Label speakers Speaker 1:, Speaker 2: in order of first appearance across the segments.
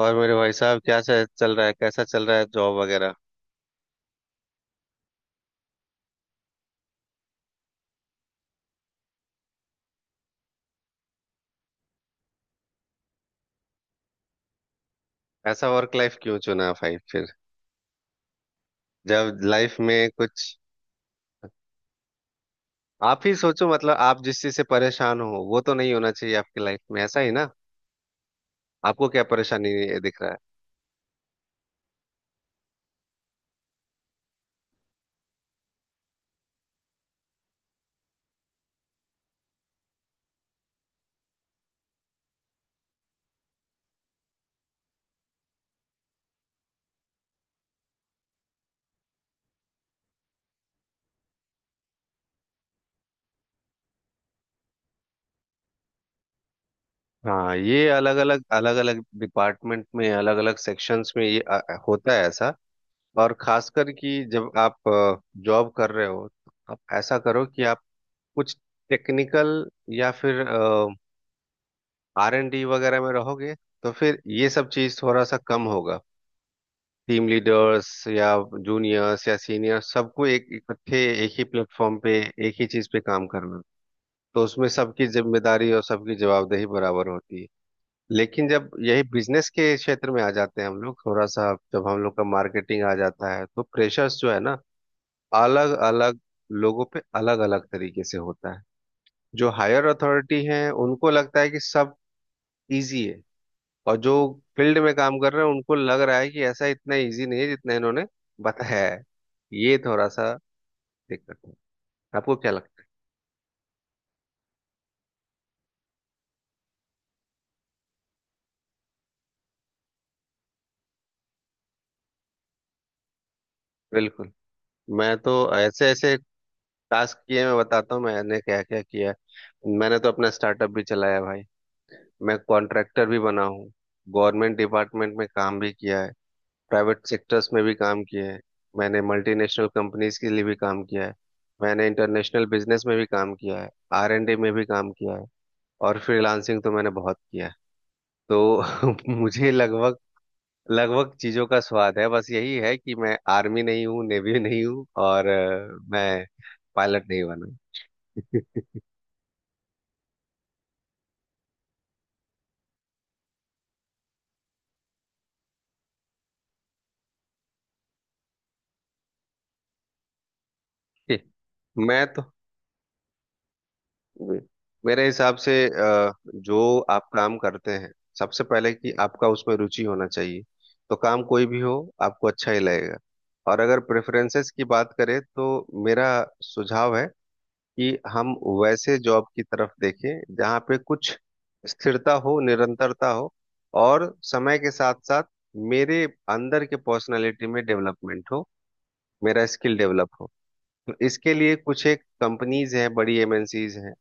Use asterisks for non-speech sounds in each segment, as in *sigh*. Speaker 1: और मेरे भाई साहब क्या से- चल रहा है कैसा चल रहा है जॉब वगैरह। ऐसा वर्क लाइफ क्यों चुना भाई फिर, जब लाइफ में कुछ। आप ही सोचो, मतलब आप जिस चीज से परेशान हो वो तो नहीं होना चाहिए आपकी लाइफ में, ऐसा ही ना। आपको क्या परेशानी दिख रहा है। हाँ, ये अलग अलग डिपार्टमेंट में, अलग अलग सेक्शंस में ये होता है ऐसा। और खासकर कि जब आप जॉब कर रहे हो तो आप ऐसा करो कि आप कुछ टेक्निकल या फिर आर एन डी वगैरह में रहोगे तो फिर ये सब चीज थोड़ा सा कम होगा। टीम लीडर्स या जूनियर्स या सीनियर्स सबको एक इकट्ठे एक ही प्लेटफॉर्म पे एक ही चीज पे काम करना, तो उसमें सबकी जिम्मेदारी और सबकी जवाबदेही बराबर होती है। लेकिन जब यही बिजनेस के क्षेत्र में आ जाते हैं हम लोग, थोड़ा सा जब हम लोग का मार्केटिंग आ जाता है तो प्रेशर्स जो है ना, अलग अलग लोगों पे अलग अलग तरीके से होता है। जो हायर अथॉरिटी हैं उनको लगता है कि सब इजी है, और जो फील्ड में काम कर रहे हैं उनको लग रहा है कि ऐसा इतना इजी नहीं है जितना इन्होंने बताया है। ये थोड़ा सा दिक्कत है। आपको क्या लगता है? बिल्कुल, मैं तो ऐसे ऐसे टास्क किए, मैं बताता हूँ मैंने क्या क्या किया है। मैंने तो अपना स्टार्टअप भी चलाया है भाई। मैं कॉन्ट्रैक्टर भी बना हूँ। गवर्नमेंट डिपार्टमेंट में काम भी किया है। प्राइवेट सेक्टर्स में भी काम किया है। मैंने मल्टीनेशनल कंपनीज के लिए भी काम किया है। मैंने इंटरनेशनल बिजनेस में भी काम किया है। आर एंड डी में भी काम किया है। और फ्रीलांसिंग तो मैंने बहुत किया है। तो *laughs* मुझे लगभग लगभग चीजों का स्वाद है, बस यही है कि मैं आर्मी नहीं हूँ, नेवी नहीं हूँ, और मैं पायलट नहीं बना। *laughs* मैं तो, मेरे हिसाब से जो आप काम करते हैं, सबसे पहले कि आपका उसमें रुचि होना चाहिए, तो काम कोई भी हो आपको अच्छा ही लगेगा। और अगर प्रेफरेंसेस की बात करें तो मेरा सुझाव है कि हम वैसे जॉब की तरफ देखें जहाँ पे कुछ स्थिरता हो, निरंतरता हो, और समय के साथ साथ मेरे अंदर के पर्सनालिटी में डेवलपमेंट हो, मेरा स्किल डेवलप हो। तो इसके लिए कुछ एक कंपनीज हैं, बड़ी एमएनसीज हैं,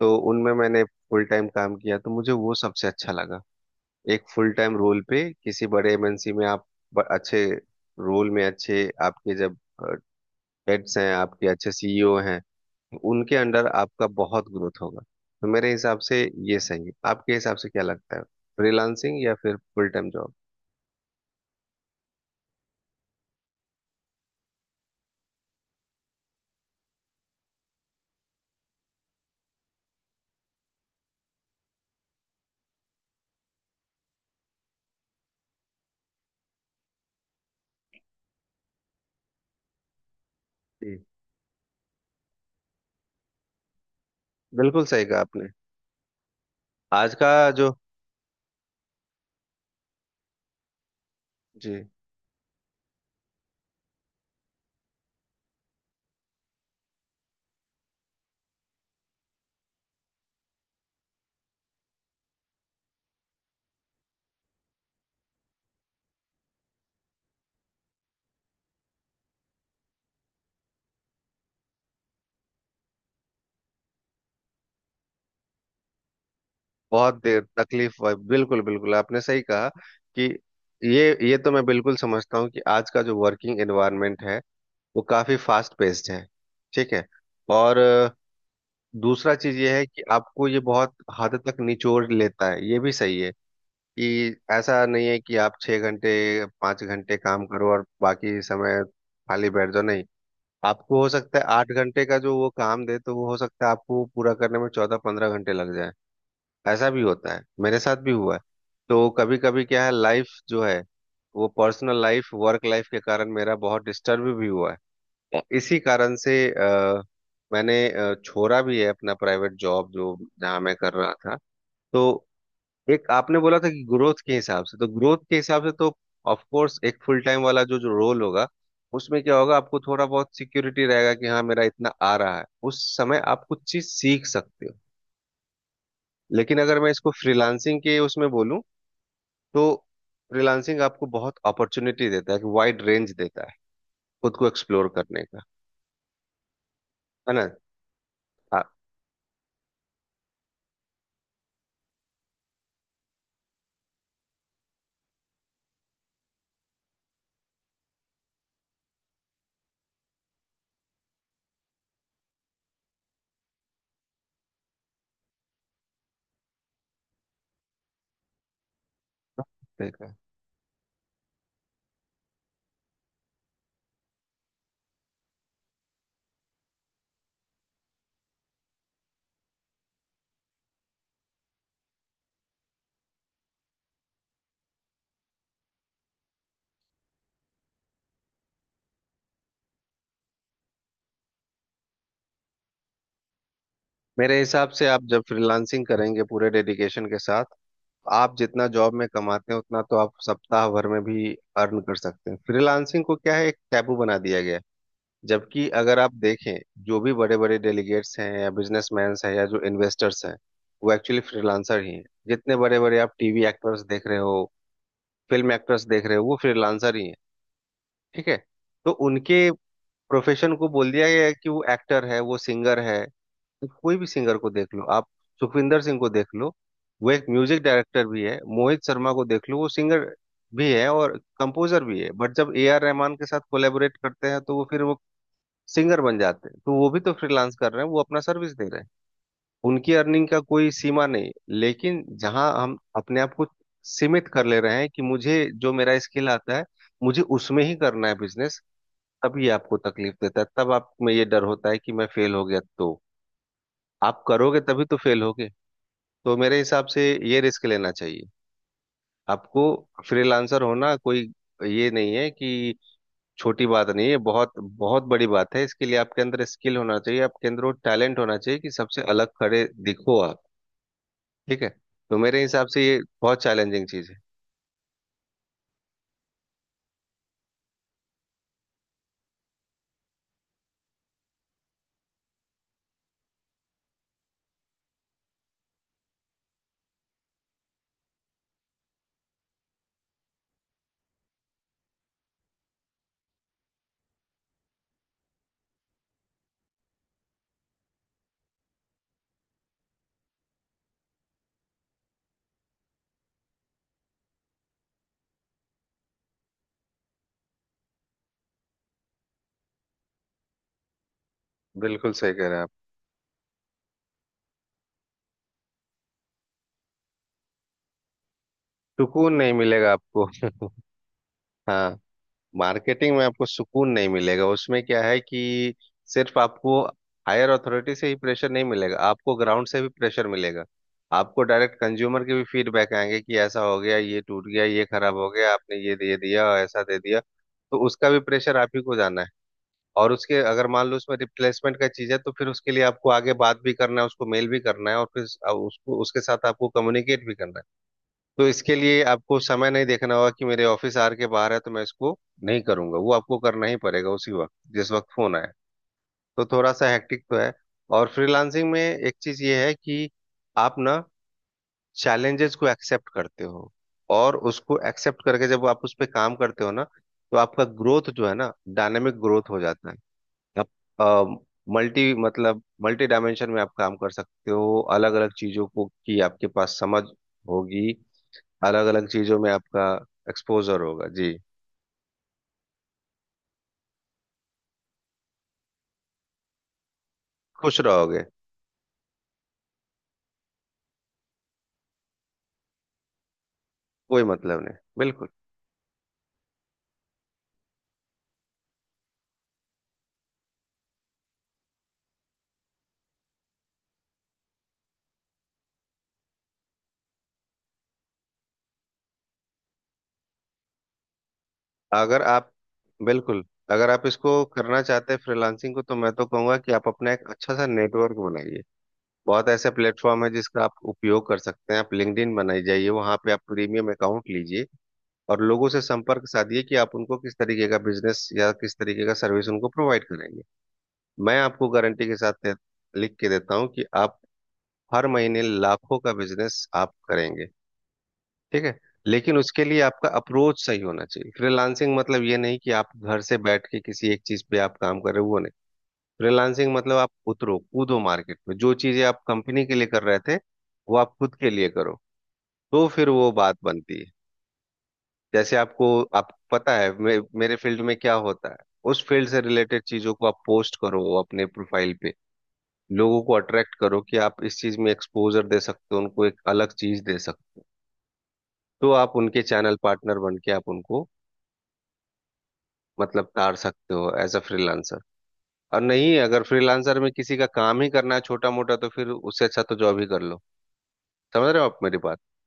Speaker 1: तो उनमें मैंने फुल टाइम काम किया तो मुझे वो सबसे अच्छा लगा। एक फुल टाइम रोल पे किसी बड़े एमएनसी में आप अच्छे रोल में, अच्छे आपके जब हेड्स हैं, आपके अच्छे सीईओ हैं, उनके अंडर आपका बहुत ग्रोथ होगा। तो मेरे हिसाब से ये सही है। आपके हिसाब से क्या लगता है, फ्रीलांसिंग या फिर फुल टाइम जॉब? जी, बिल्कुल सही कहा आपने। आज का जो। जी, बहुत देर तकलीफ हुआ, बिल्कुल बिल्कुल आपने सही कहा कि ये तो मैं बिल्कुल समझता हूँ कि आज का जो वर्किंग एनवायरनमेंट है वो काफी फास्ट पेस्ड है। ठीक है, और दूसरा चीज ये है कि आपको ये बहुत हद तक निचोड़ लेता है, ये भी सही है। कि ऐसा नहीं है कि आप 6 घंटे, 5 घंटे काम करो और बाकी समय खाली बैठ जाओ, नहीं। आपको हो सकता है 8 घंटे का जो वो काम दे तो वो, हो सकता है आपको वो पूरा करने में 14-15 घंटे लग जाए। ऐसा भी होता है, मेरे साथ भी हुआ है। तो कभी कभी क्या है, लाइफ जो है वो पर्सनल लाइफ, वर्क लाइफ के कारण मेरा बहुत डिस्टर्ब भी हुआ है। और इसी कारण से मैंने छोड़ा भी है अपना प्राइवेट जॉब जो जहाँ मैं कर रहा था। तो एक आपने बोला था कि ग्रोथ के हिसाब से, तो ग्रोथ के हिसाब से तो ऑफ कोर्स एक फुल टाइम वाला जो जो रोल होगा उसमें क्या होगा, आपको थोड़ा बहुत सिक्योरिटी रहेगा कि हाँ मेरा इतना आ रहा है, उस समय आप कुछ चीज सीख सकते हो। लेकिन अगर मैं इसको फ्रीलांसिंग के उसमें बोलूँ तो फ्रीलांसिंग आपको बहुत अपॉर्चुनिटी देता है, कि वाइड रेंज देता है खुद को एक्सप्लोर करने का, है ना। आप देखा, मेरे हिसाब से आप जब फ्रीलांसिंग करेंगे पूरे डेडिकेशन के साथ, आप जितना जॉब में कमाते हैं उतना तो आप सप्ताह भर में भी अर्न कर सकते हैं। फ्रीलांसिंग को क्या है एक टैबू बना दिया गया है। जबकि अगर आप देखें, जो भी बड़े बड़े डेलीगेट्स हैं या बिजनेसमैन हैं या जो इन्वेस्टर्स हैं, वो एक्चुअली फ्रीलांसर ही हैं। जितने बड़े बड़े आप टीवी एक्टर्स देख रहे हो, फिल्म एक्टर्स देख रहे हो, वो फ्रीलांसर ही हैं। ठीक है, तो उनके प्रोफेशन को बोल दिया गया है कि वो एक्टर है, वो सिंगर है। कोई भी सिंगर को देख लो आप, सुखविंदर सिंह को देख लो, वो एक म्यूजिक डायरेक्टर भी है। मोहित शर्मा को देख लो, वो सिंगर भी है और कंपोजर भी है, बट जब ए आर रहमान के साथ कोलेबोरेट करते हैं तो वो, फिर वो सिंगर बन जाते हैं। तो वो भी तो फ्रीलांस कर रहे हैं, वो अपना सर्विस दे रहे हैं। उनकी अर्निंग का कोई सीमा नहीं। लेकिन जहां हम अपने आप को सीमित कर ले रहे हैं कि मुझे जो मेरा स्किल आता है मुझे उसमें ही करना है बिजनेस, तभी आपको तकलीफ देता है, तब आप में ये डर होता है कि मैं फेल हो गया तो। आप करोगे तभी तो फेल होगे। तो मेरे हिसाब से ये रिस्क लेना चाहिए आपको। फ्रीलांसर होना कोई, ये नहीं है कि छोटी बात नहीं है, बहुत बहुत बड़ी बात है। इसके लिए आपके अंदर स्किल होना चाहिए, आपके अंदर वो टैलेंट होना चाहिए कि सबसे अलग खड़े दिखो आप। ठीक है, तो मेरे हिसाब से ये बहुत चैलेंजिंग चीज है। बिल्कुल सही कह रहे हैं आप। सुकून नहीं मिलेगा आपको। *laughs* हाँ। मार्केटिंग में आपको सुकून नहीं मिलेगा, उसमें क्या है कि सिर्फ आपको हायर अथॉरिटी से ही प्रेशर नहीं मिलेगा, आपको ग्राउंड से भी प्रेशर मिलेगा। आपको डायरेक्ट कंज्यूमर के भी फीडबैक आएंगे कि ऐसा हो गया, ये टूट गया, ये खराब हो गया, आपने ये दे दिया, ऐसा दे दिया। तो उसका भी प्रेशर आप ही को जाना है। और उसके, अगर मान लो उसमें रिप्लेसमेंट का चीज है तो फिर उसके लिए आपको आगे बात भी करना है, उसको मेल भी करना है, और फिर उसको, उसके साथ आपको कम्युनिकेट भी करना है। तो इसके लिए आपको समय नहीं देखना होगा कि मेरे ऑफिस आर के बाहर है तो मैं इसको नहीं करूंगा, वो आपको करना ही पड़ेगा उसी वक्त जिस वक्त फोन आए। तो थोड़ा सा हेक्टिक तो है। और फ्रीलांसिंग में एक चीज ये है कि आप ना चैलेंजेस को एक्सेप्ट करते हो, और उसको एक्सेप्ट करके जब आप उस पर काम करते हो ना तो आपका ग्रोथ जो है ना, डायनेमिक ग्रोथ हो जाता है। आप मल्टी डायमेंशन में आप काम कर सकते हो, अलग अलग चीजों को की आपके पास समझ होगी, अलग अलग चीजों में आपका एक्सपोजर होगा। जी, खुश रहोगे। कोई मतलब नहीं, बिल्कुल। अगर आप बिल्कुल, अगर आप इसको करना चाहते हैं फ्रीलांसिंग को, तो मैं तो कहूंगा कि आप अपना एक अच्छा सा नेटवर्क बनाइए। बहुत ऐसे प्लेटफॉर्म है जिसका आप उपयोग कर सकते हैं, आप लिंक्डइन बनाई जाइए, वहां पे आप प्रीमियम अकाउंट लीजिए और लोगों से संपर्क साधिए कि आप उनको किस तरीके का बिजनेस या किस तरीके का सर्विस उनको प्रोवाइड करेंगे। मैं आपको गारंटी के साथ लिख के देता हूँ कि आप हर महीने लाखों का बिजनेस आप करेंगे। ठीक है, लेकिन उसके लिए आपका अप्रोच सही होना चाहिए। फ्रीलांसिंग मतलब ये नहीं कि आप घर से बैठ के किसी एक चीज पे आप काम कर रहे हो, वो नहीं। फ्रीलांसिंग मतलब आप उतरो कूदो मार्केट में, जो चीजें आप कंपनी के लिए कर रहे थे वो आप खुद के लिए करो, तो फिर वो बात बनती है। जैसे आपको आप पता है मेरे फील्ड में क्या होता है। उस फील्ड से रिलेटेड चीजों को आप पोस्ट करो अपने प्रोफाइल पे, लोगों को अट्रैक्ट करो कि आप इस चीज में एक्सपोजर दे सकते हो, उनको एक अलग चीज दे सकते हो। तो आप उनके चैनल पार्टनर बन के आप उनको, मतलब तार सकते हो एज अ फ्रीलांसर। और नहीं, अगर फ्रीलांसर में किसी का काम ही करना है छोटा मोटा तो फिर उससे अच्छा तो जॉब ही कर लो। समझ रहे हो आप मेरी बात? *laughs*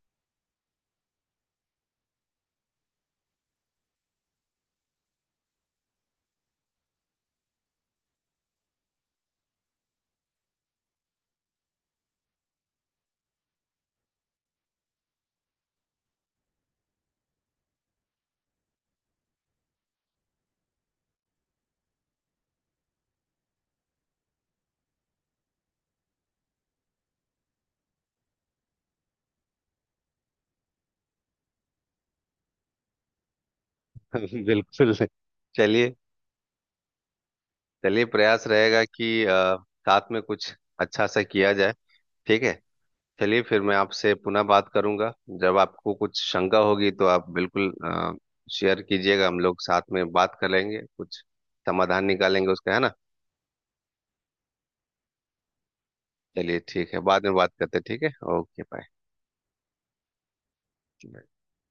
Speaker 1: बिल्कुल। चलिए, चलिए प्रयास रहेगा कि साथ में कुछ अच्छा सा किया जाए। ठीक है, चलिए फिर मैं आपसे पुनः बात करूंगा। जब आपको कुछ शंका होगी तो आप बिल्कुल शेयर कीजिएगा, हम लोग साथ में बात कर लेंगे, कुछ समाधान निकालेंगे उसका, है ना। चलिए ठीक है, बाद में बात करते हैं। ठीक है, ओके बाय।